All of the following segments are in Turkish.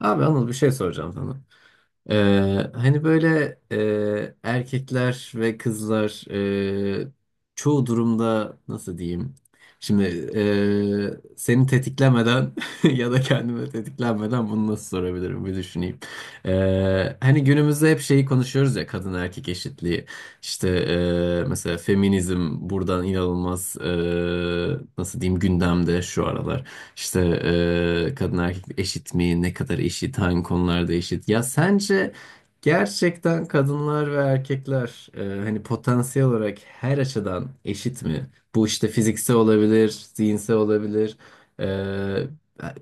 Abi Anıl bir şey soracağım sana. Hani böyle erkekler ve kızlar e, çoğu durumda nasıl diyeyim? Şimdi seni tetiklemeden ya da kendimi tetiklenmeden bunu nasıl sorabilirim bir düşüneyim. Hani günümüzde hep şeyi konuşuyoruz ya kadın erkek eşitliği. İşte mesela feminizm buradan inanılmaz nasıl diyeyim gündemde şu aralar. İşte kadın erkek eşit mi? Ne kadar eşit? Hangi konularda eşit? Ya sence gerçekten kadınlar ve erkekler hani potansiyel olarak her açıdan eşit mi? Bu işte fiziksel olabilir, zihinsel olabilir, e,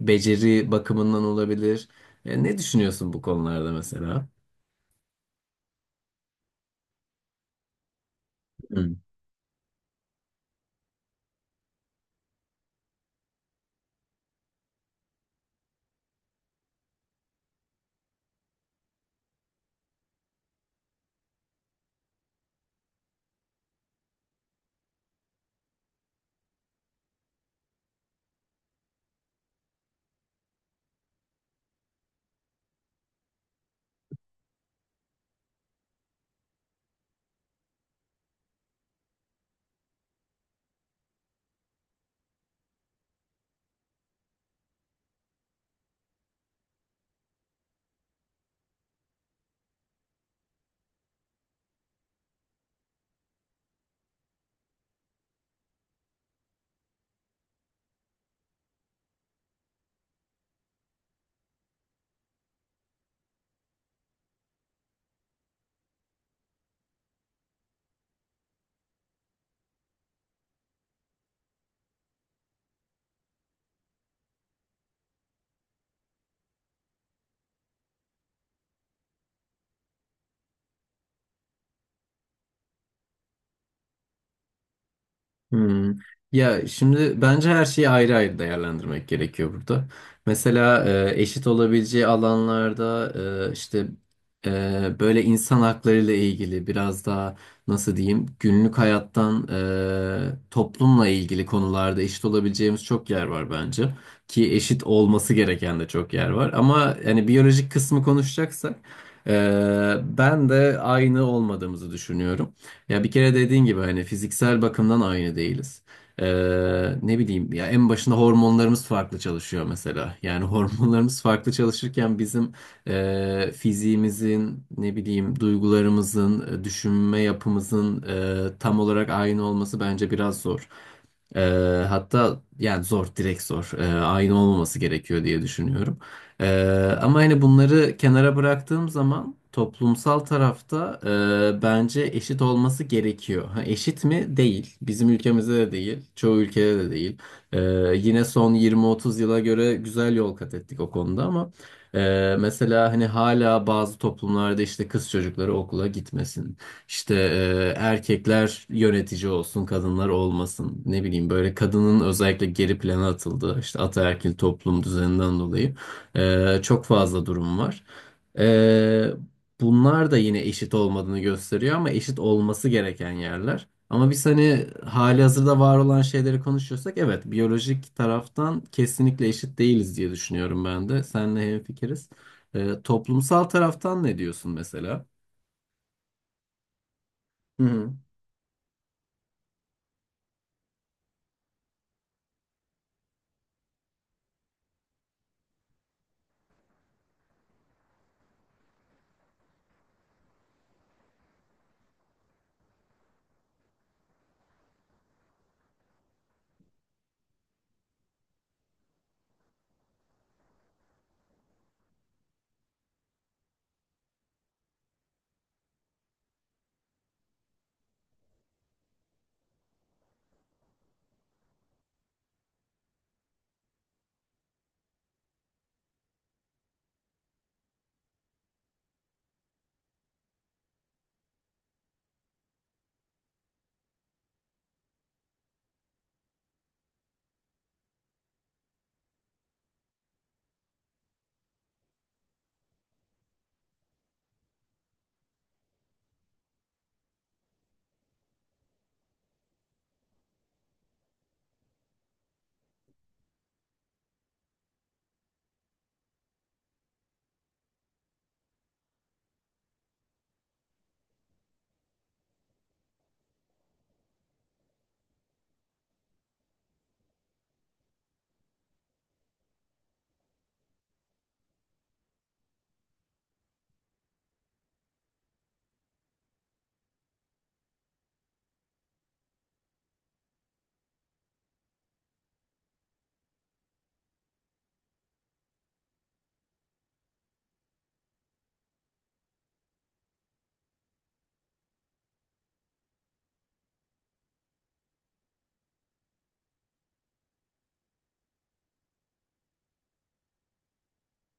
beceri bakımından olabilir. Ne düşünüyorsun bu konularda mesela? Hmm. Ya şimdi bence her şeyi ayrı ayrı değerlendirmek gerekiyor burada. Mesela eşit olabileceği alanlarda işte böyle insan hakları ile ilgili biraz daha nasıl diyeyim günlük hayattan toplumla ilgili konularda eşit olabileceğimiz çok yer var bence. Ki eşit olması gereken de çok yer var. Ama yani biyolojik kısmı konuşacaksak ben de aynı olmadığımızı düşünüyorum. Ya bir kere dediğin gibi hani fiziksel bakımdan aynı değiliz. Ee, Ne bileyim ya en başında hormonlarımız farklı çalışıyor mesela. Yani hormonlarımız farklı çalışırken bizim fiziğimizin ne bileyim duygularımızın, düşünme yapımızın tam olarak aynı olması bence biraz zor. Ee, Hatta yani zor direkt zor. Aynı olmaması gerekiyor diye düşünüyorum. Ama hani bunları kenara bıraktığım zaman toplumsal tarafta bence eşit olması gerekiyor. Ha, eşit mi? Değil. Bizim ülkemizde de değil. Çoğu ülkede de değil. Ee, Yine son 20-30 yıla göre güzel yol kat ettik o konuda ama mesela hani hala bazı toplumlarda işte kız çocukları okula gitmesin. İşte erkekler yönetici olsun, kadınlar olmasın. Ne bileyim böyle kadının özellikle geri plana atıldığı işte ataerkil toplum düzeninden dolayı. Çok fazla durum var. Ee, Bunlar da yine eşit olmadığını gösteriyor ama eşit olması gereken yerler. Ama biz hani halihazırda var olan şeyleri konuşuyorsak evet biyolojik taraftan kesinlikle eşit değiliz diye düşünüyorum ben de. Seninle hemfikiriz. Toplumsal taraftan ne diyorsun mesela? Hı hı.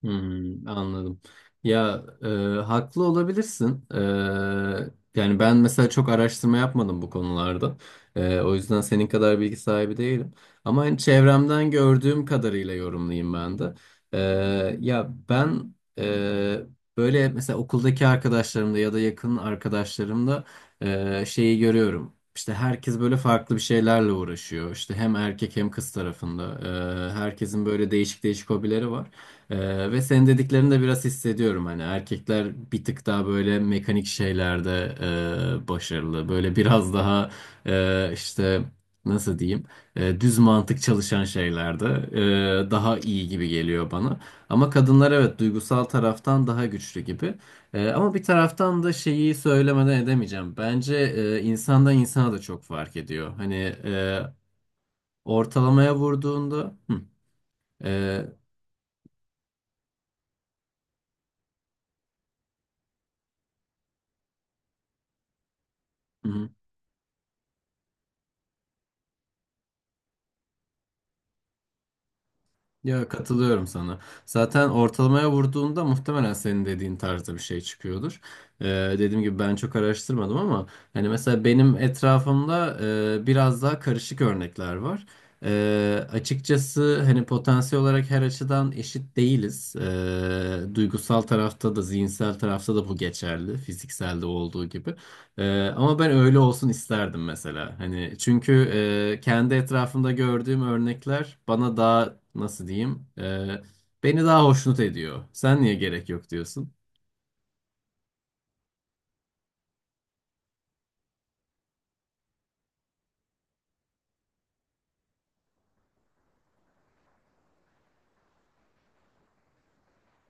Hmm, anladım. Ya haklı olabilirsin. Yani ben mesela çok araştırma yapmadım bu konularda. O yüzden senin kadar bilgi sahibi değilim. Ama hani çevremden gördüğüm kadarıyla yorumlayayım ben de. E, Ya ben böyle mesela okuldaki arkadaşlarımda ya da yakın arkadaşlarımda şeyi görüyorum. İşte herkes böyle farklı bir şeylerle uğraşıyor. İşte hem erkek hem kız tarafında. Herkesin böyle değişik değişik hobileri var. Ve senin dediklerini de biraz hissediyorum hani erkekler bir tık daha böyle mekanik şeylerde başarılı böyle biraz daha işte nasıl diyeyim düz mantık çalışan şeylerde daha iyi gibi geliyor bana ama kadınlar evet duygusal taraftan daha güçlü gibi. Ama bir taraftan da şeyi söylemeden edemeyeceğim bence insandan insana da çok fark ediyor hani e, ortalamaya vurduğunda hı, e, hı. Ya katılıyorum sana. Zaten ortalamaya vurduğunda muhtemelen senin dediğin tarzda bir şey çıkıyordur. Ee, Dediğim gibi ben çok araştırmadım ama hani mesela benim etrafımda biraz daha karışık örnekler var. Açıkçası hani potansiyel olarak her açıdan eşit değiliz. Duygusal tarafta da zihinsel tarafta da bu geçerli. Fizikselde olduğu gibi. Ama ben öyle olsun isterdim mesela. Hani çünkü kendi etrafımda gördüğüm örnekler bana daha nasıl diyeyim beni daha hoşnut ediyor. Sen niye gerek yok diyorsun?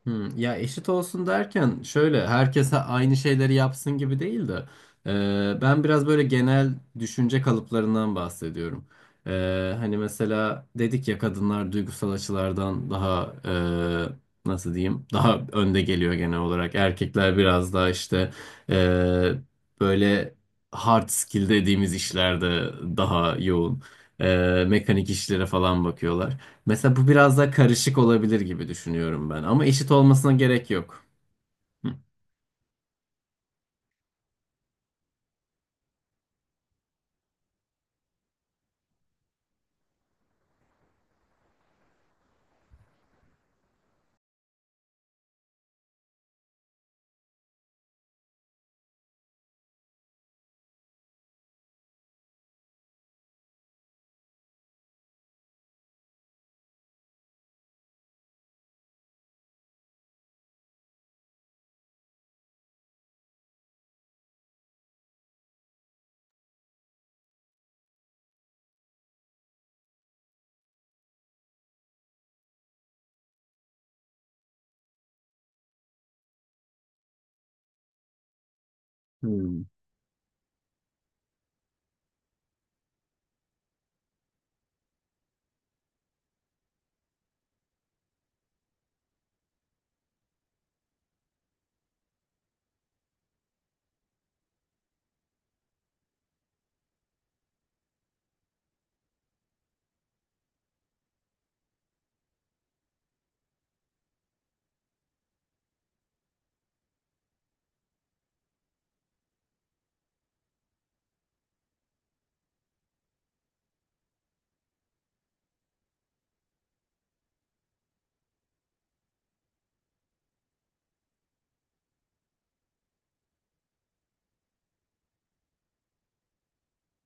Hmm, ya eşit olsun derken şöyle herkese aynı şeyleri yapsın gibi değil de ben biraz böyle genel düşünce kalıplarından bahsediyorum. Hani mesela dedik ya kadınlar duygusal açılardan daha nasıl diyeyim daha önde geliyor genel olarak. Erkekler biraz daha işte e, böyle hard skill dediğimiz işlerde daha yoğun. Mekanik işlere falan bakıyorlar. Mesela bu biraz daha karışık olabilir gibi düşünüyorum ben. Ama eşit olmasına gerek yok. Hı. Hmm.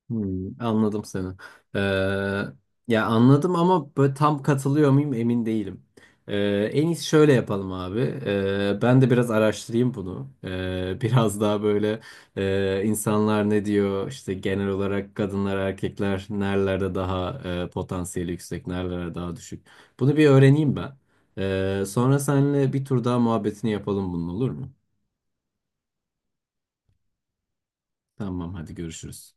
Hmm, anladım seni. Ee, Ya anladım ama böyle tam katılıyor muyum emin değilim. En iyisi şöyle yapalım abi. Ben de biraz araştırayım bunu. Biraz daha böyle insanlar ne diyor işte genel olarak kadınlar erkekler nerelerde daha potansiyeli yüksek nerelerde daha düşük. Bunu bir öğreneyim ben. Sonra seninle bir tur daha muhabbetini yapalım bunun olur mu? Tamam hadi görüşürüz.